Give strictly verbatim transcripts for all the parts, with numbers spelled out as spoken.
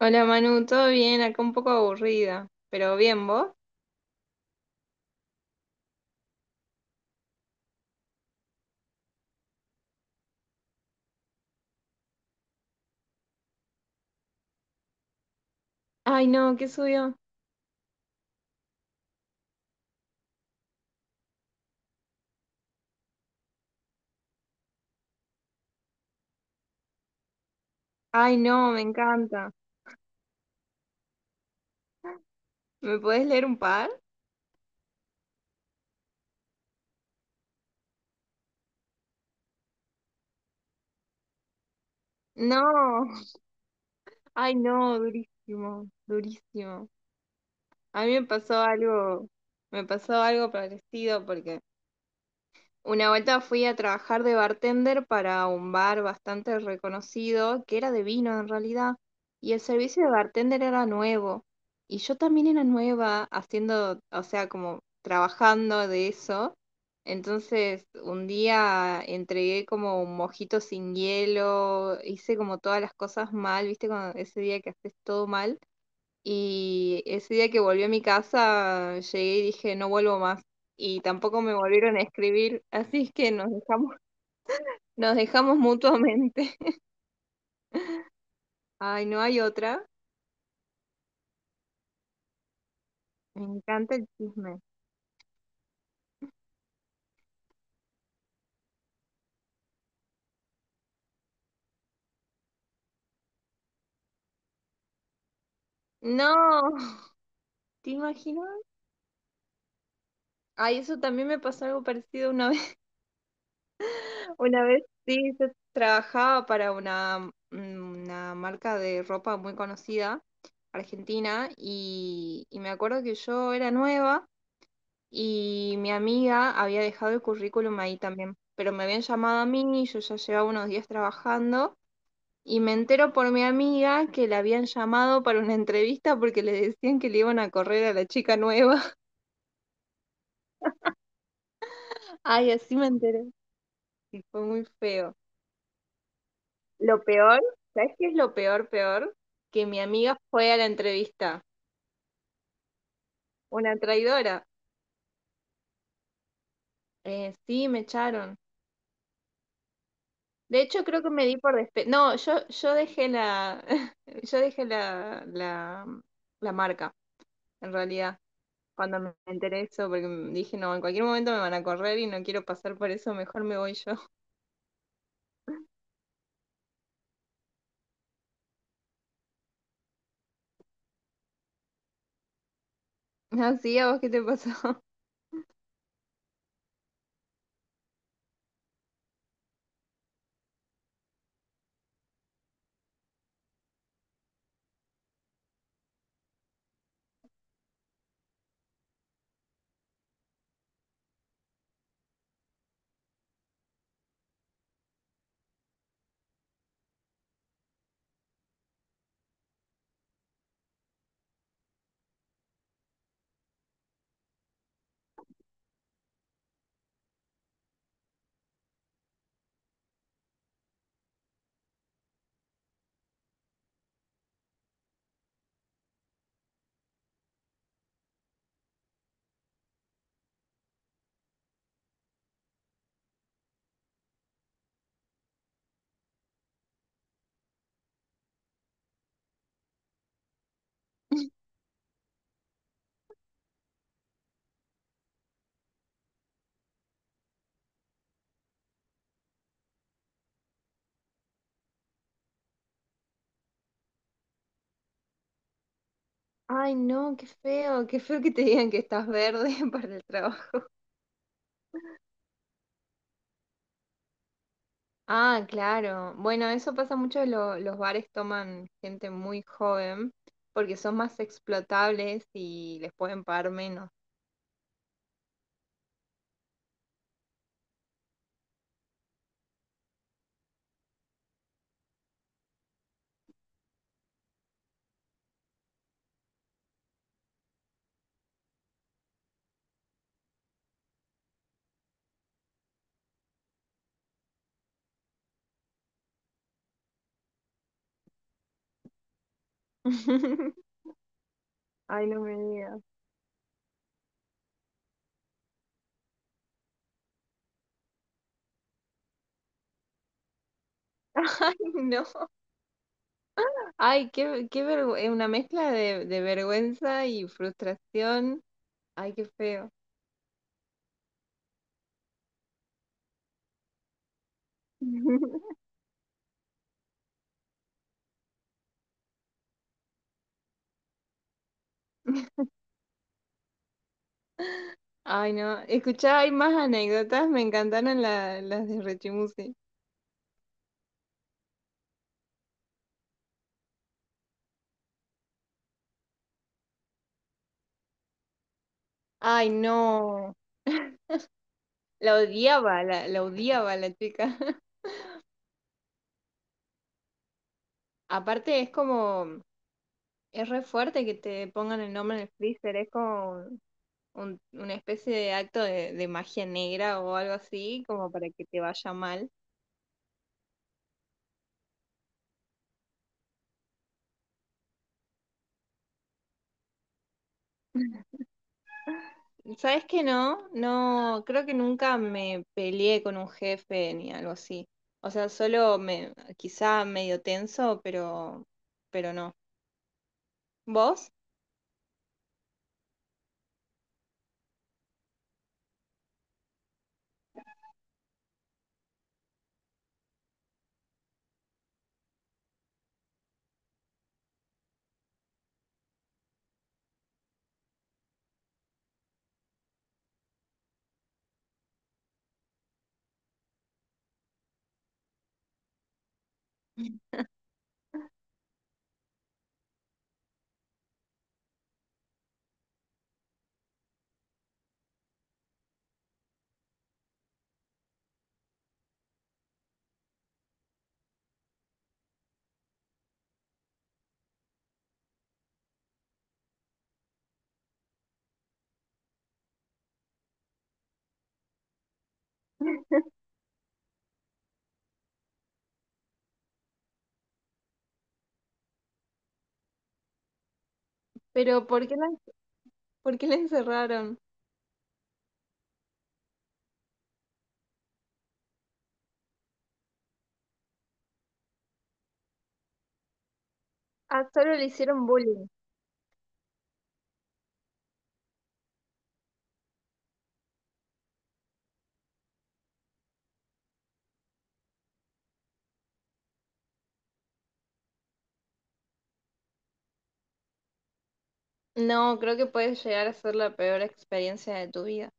Hola Manu, ¿todo bien? Acá un poco aburrida, pero bien, ¿vos? Ay, no, ¿qué subió? Ay, no, me encanta. ¿Me podés leer un par? No, ay, no, durísimo, durísimo. A mí me pasó algo, me pasó algo parecido porque una vuelta fui a trabajar de bartender para un bar bastante reconocido, que era de vino en realidad, y el servicio de bartender era nuevo. Y yo también era nueva haciendo, o sea, como trabajando de eso. Entonces, un día entregué como un mojito sin hielo, hice como todas las cosas mal, ¿viste? Cuando- ese día que haces todo mal. Y ese día que volví a mi casa, llegué y dije, no vuelvo más. Y tampoco me volvieron a escribir, así es que nos dejamos, nos dejamos mutuamente. Ay, no hay otra. Me encanta el chisme. No, ¿te imaginas? Ay, eso también me pasó algo parecido una vez. Una vez, sí, yo trabajaba para una, mm, una marca de ropa muy conocida, argentina, y, y me acuerdo que yo era nueva. Y mi amiga había dejado el currículum ahí también, pero me habían llamado a mí, y yo ya llevaba unos días trabajando, y me entero por mi amiga que la habían llamado para una entrevista porque le decían que le iban a correr a la chica nueva. Ay, así me enteré. Y fue muy feo. Lo peor, ¿sabes qué es lo peor, peor? Que mi amiga fue a la entrevista. Una traidora. Eh, sí, me echaron. De hecho, creo que me di por despe... no, yo, yo dejé la, yo dejé la, la, mm, la marca, en realidad, cuando me enteré eso, porque m- dije, no, en cualquier momento me van a correr y no quiero pasar por eso, mejor me voy yo. Así, ¿a vos qué te pasó? Ay, no, qué feo, qué feo que te digan que estás verde para el trabajo. Ah, claro. Bueno, eso pasa mucho, lo- los bares toman gente muy joven porque son más explotables y les pueden pagar menos. Ay, no me digas. Ay, no. Ay, qué, qué vergüenza. Una mezcla de, de vergüenza y frustración. Ay, qué feo. Ay, no. Escuchá, hay más anécdotas. Me encantaron la- las de Rechimusi. Ay, no. La odiaba, la, la odiaba la chica. Aparte, es como. Es re fuerte que te pongan el nombre en el freezer. Es como un- una especie de acto de, de magia negra o algo así, como para que te vaya mal. ¿Sabes que no? No, creo que nunca me peleé con un jefe ni algo así. O sea, solo me, quizá medio tenso, pero, pero no. ¿Vos? Pero ¿por qué la, por qué la encerraron? Ah, solo le hicieron bullying. No, creo que puede llegar a ser la peor experiencia de tu vida.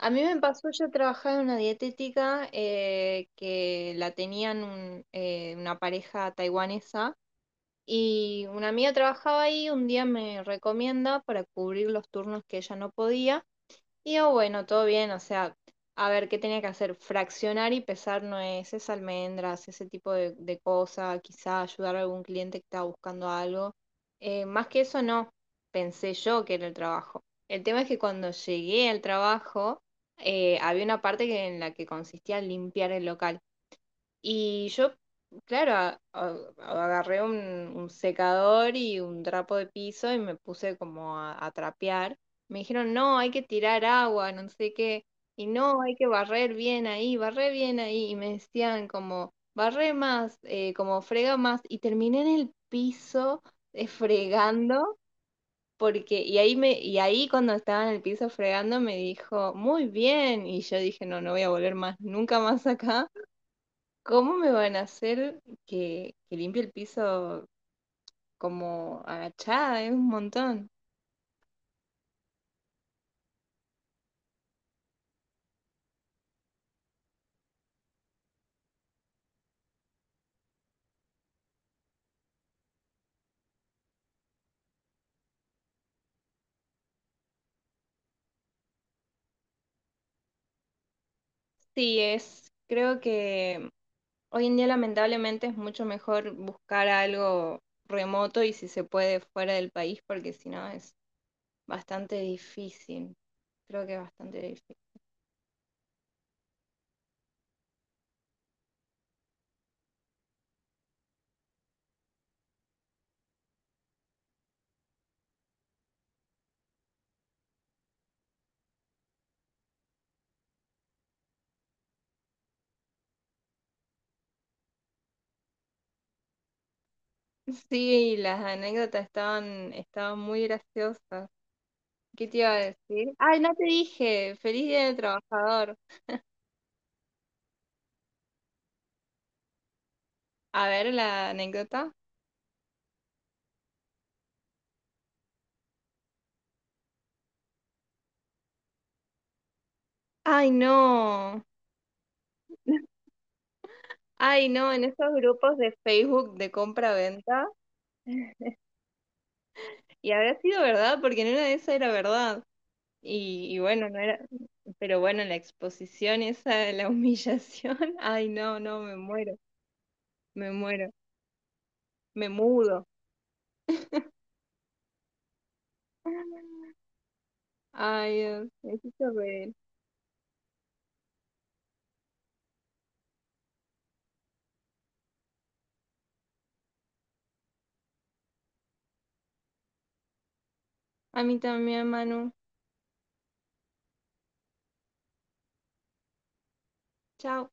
A mí me pasó, yo trabajaba en una dietética eh, que la tenían un- eh, una pareja taiwanesa. Y una amiga trabajaba ahí, un día me recomienda para cubrir los turnos que ella no podía. Y digo, bueno, todo bien, o sea, a ver qué tenía que hacer, fraccionar y pesar nueces, almendras, ese tipo de, de cosa, quizá ayudar a algún cliente que estaba buscando algo. Eh, más que eso no, pensé yo que era el trabajo. El tema es que cuando llegué al trabajo, eh, había una parte que- en la que consistía en limpiar el local. Y yo, claro, a- a- agarré un, un secador y un trapo de piso y me puse como a, a trapear. Me dijeron, no, hay que tirar agua, no sé qué. Y no, hay que barrer bien ahí, barré bien ahí. Y me decían como, barré más, eh, como frega más. Y terminé en el piso eh, fregando. Porque, y ahí me, y ahí cuando estaba en el piso fregando me dijo, muy bien. Y yo dije, no, no voy a volver más, nunca más acá. ¿Cómo me van a hacer que, que limpie el piso como agachada? Es un montón. Sí, es, creo que hoy en día lamentablemente es mucho mejor buscar algo remoto y si se puede fuera del país, porque si no es bastante difícil. Creo que es bastante difícil. Sí, las anécdotas estaban, estaban muy graciosas. ¿Qué te iba a decir? Ay, no te dije, feliz día del trabajador. A ver la anécdota. Ay, no. Ay, no, en esos grupos de Facebook de compra-venta, y habrá sido verdad, porque en una de esas era verdad. Y, y bueno, no era, pero bueno, la exposición esa de la humillación, ay, no, no, me muero, me muero, me mudo. Ay, Dios, me hiciste reír. A mí también, Manu. Chao.